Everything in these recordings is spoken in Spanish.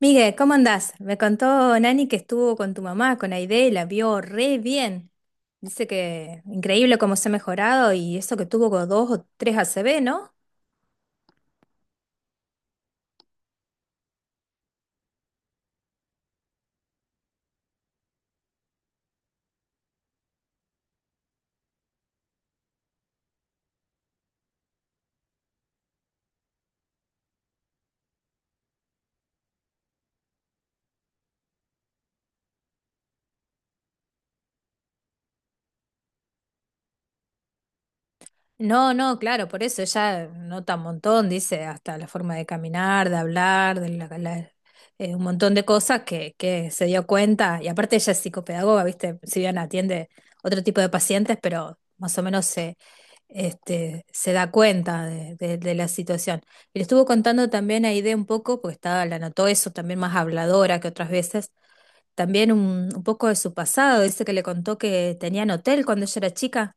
Miguel, ¿cómo andás? Me contó Nani que estuvo con tu mamá, con Aide, y la vio re bien. Dice que increíble cómo se ha mejorado y eso que tuvo con dos o tres ACV, ¿no? No, no, claro, por eso ella nota un montón, dice, hasta la forma de caminar, de hablar, un montón de cosas que se dio cuenta. Y aparte ella es psicopedagoga, ¿viste? Si bien atiende otro tipo de pacientes, pero más o menos se da cuenta de la situación. Y le estuvo contando también a Aide un poco, porque estaba, la notó eso, también más habladora que otras veces, también un poco de su pasado. Dice que le contó que tenía en hotel cuando ella era chica.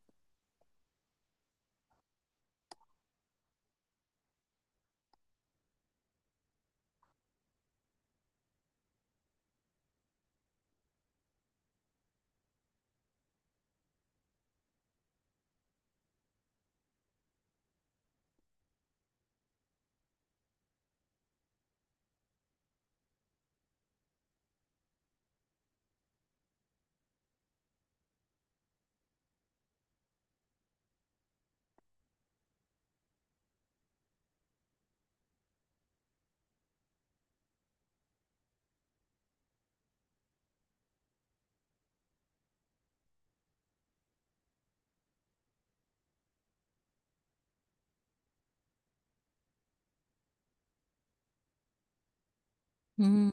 Mm.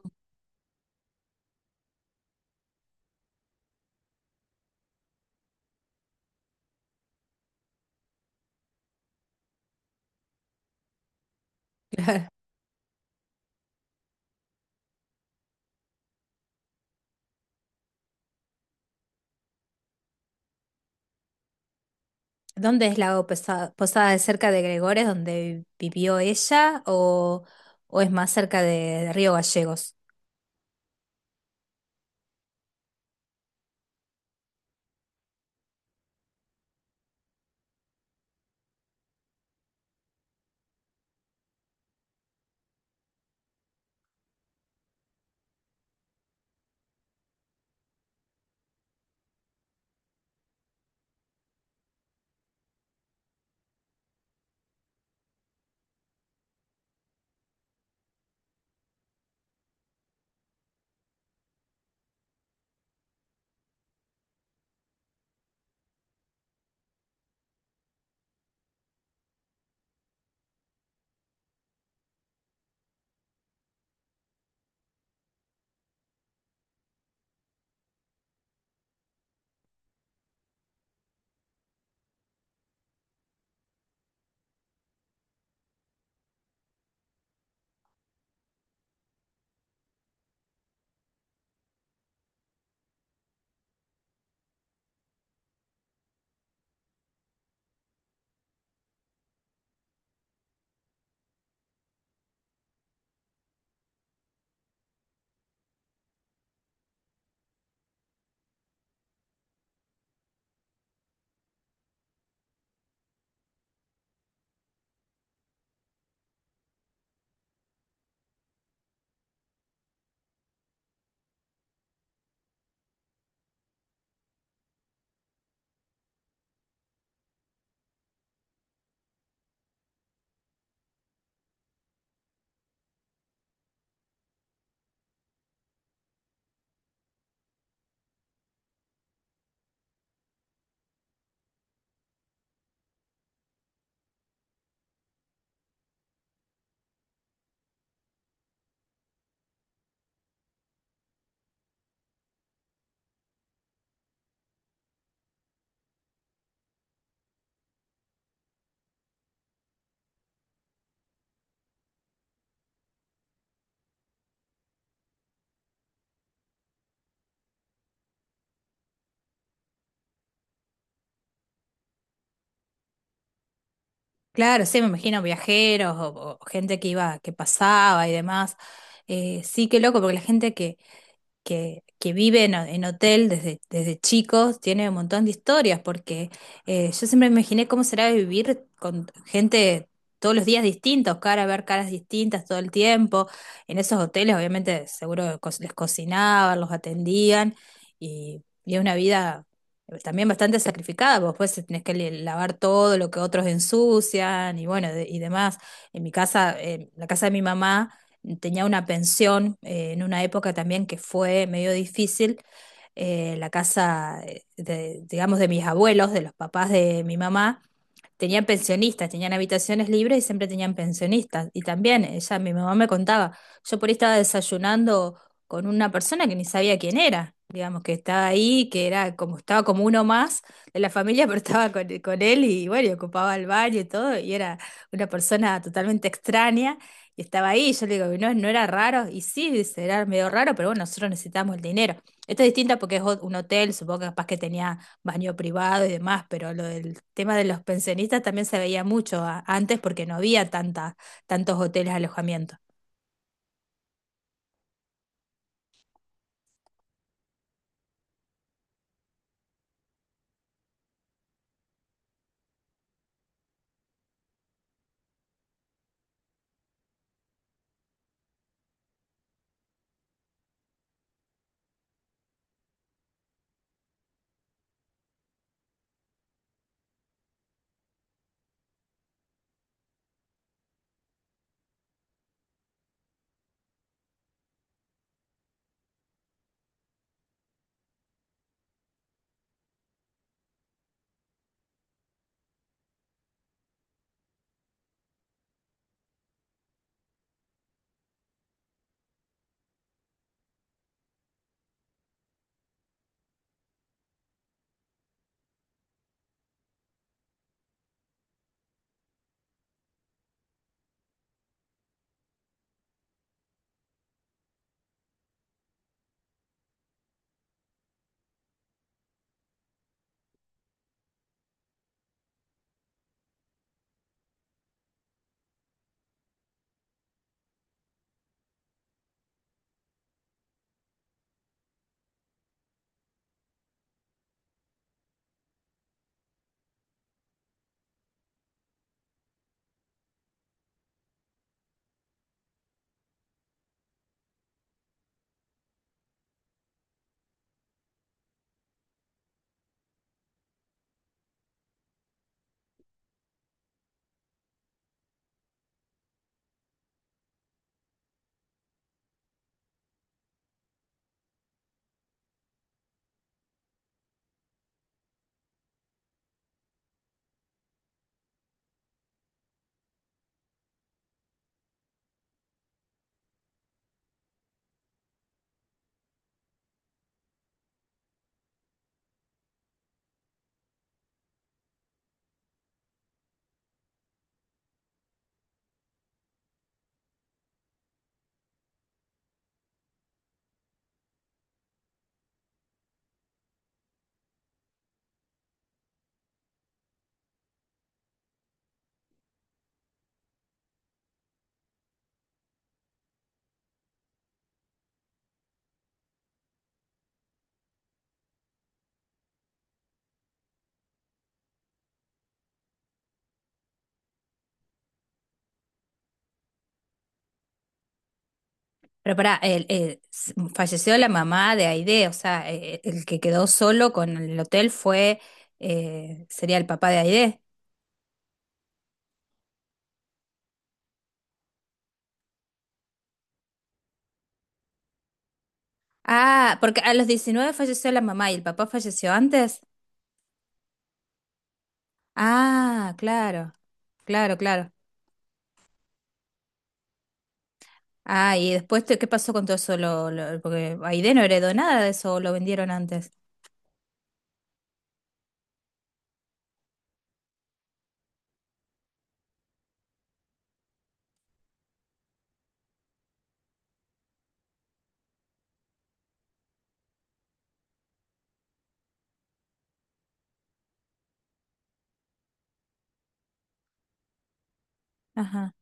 ¿Dónde es Lago Pesa- Posada? ¿Es cerca de Gregores, donde vivió ella, o es más cerca de Río Gallegos? Claro, sí, me imagino viajeros o gente que iba, que pasaba y demás. Sí, qué loco, porque la gente que vive en hotel desde, desde chicos tiene un montón de historias, porque yo siempre me imaginé cómo será vivir con gente todos los días distintos, cara, ver caras distintas todo el tiempo. En esos hoteles, obviamente, seguro co- les cocinaban, los atendían, y es una vida también bastante sacrificada, porque después tenés que le- lavar todo lo que otros ensucian y bueno, de- y demás. En mi casa, en la casa de mi mamá, tenía una pensión en una época también que fue medio difícil, de, digamos, de mis abuelos, de los papás de mi mamá, tenían pensionistas, tenían habitaciones libres y siempre tenían pensionistas. Y también ella, mi mamá me contaba, yo por ahí estaba desayunando con una persona que ni sabía quién era, digamos, que estaba ahí, que era como, estaba como uno más de la familia, pero estaba con él y bueno, y ocupaba el baño y todo, y era una persona totalmente extraña. Y estaba ahí, y yo le digo, no, no era raro, y sí, dice, era medio raro, pero bueno, nosotros necesitamos el dinero. Esto es distinto porque es ho- un hotel, supongo que capaz que tenía baño privado y demás, pero lo del tema de los pensionistas también se veía mucho a- antes porque no había tanta, tantos hoteles de alojamiento. Pero pará, el- s- falleció la mamá de Aide, o sea, el que quedó solo con el hotel fue, sería el papá de Aide. Ah, porque a los 19 falleció la mamá y el papá falleció antes. Ah, claro, claro, claro. Ah, y después, te- ¿qué pasó con todo eso? Porque Aide no heredó nada de eso, lo vendieron antes. Ajá,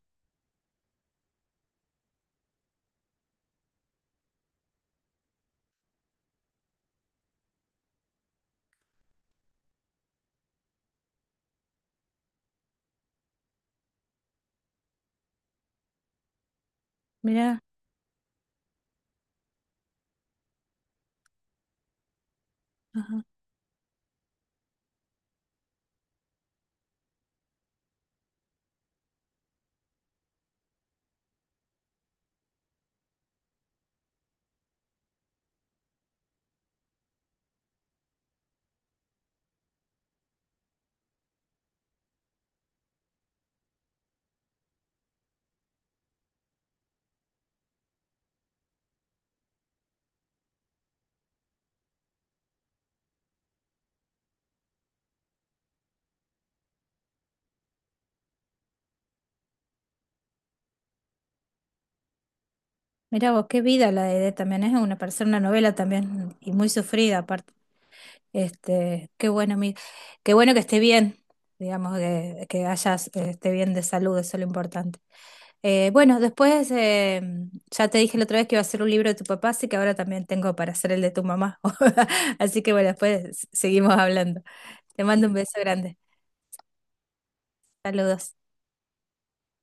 mirá. Ajá. Mira vos, qué vida la de Edith, también es una persona, una novela también, y muy sufrida aparte. Este, qué bueno, qué bueno que esté bien, digamos, que hayas, esté bien de salud, eso es lo importante. Eh, bueno, después, eh, ya te dije la otra vez que iba a hacer un libro de tu papá, así que ahora también tengo para hacer el de tu mamá. Así que bueno, después seguimos hablando. Te mando un beso grande. Saludos.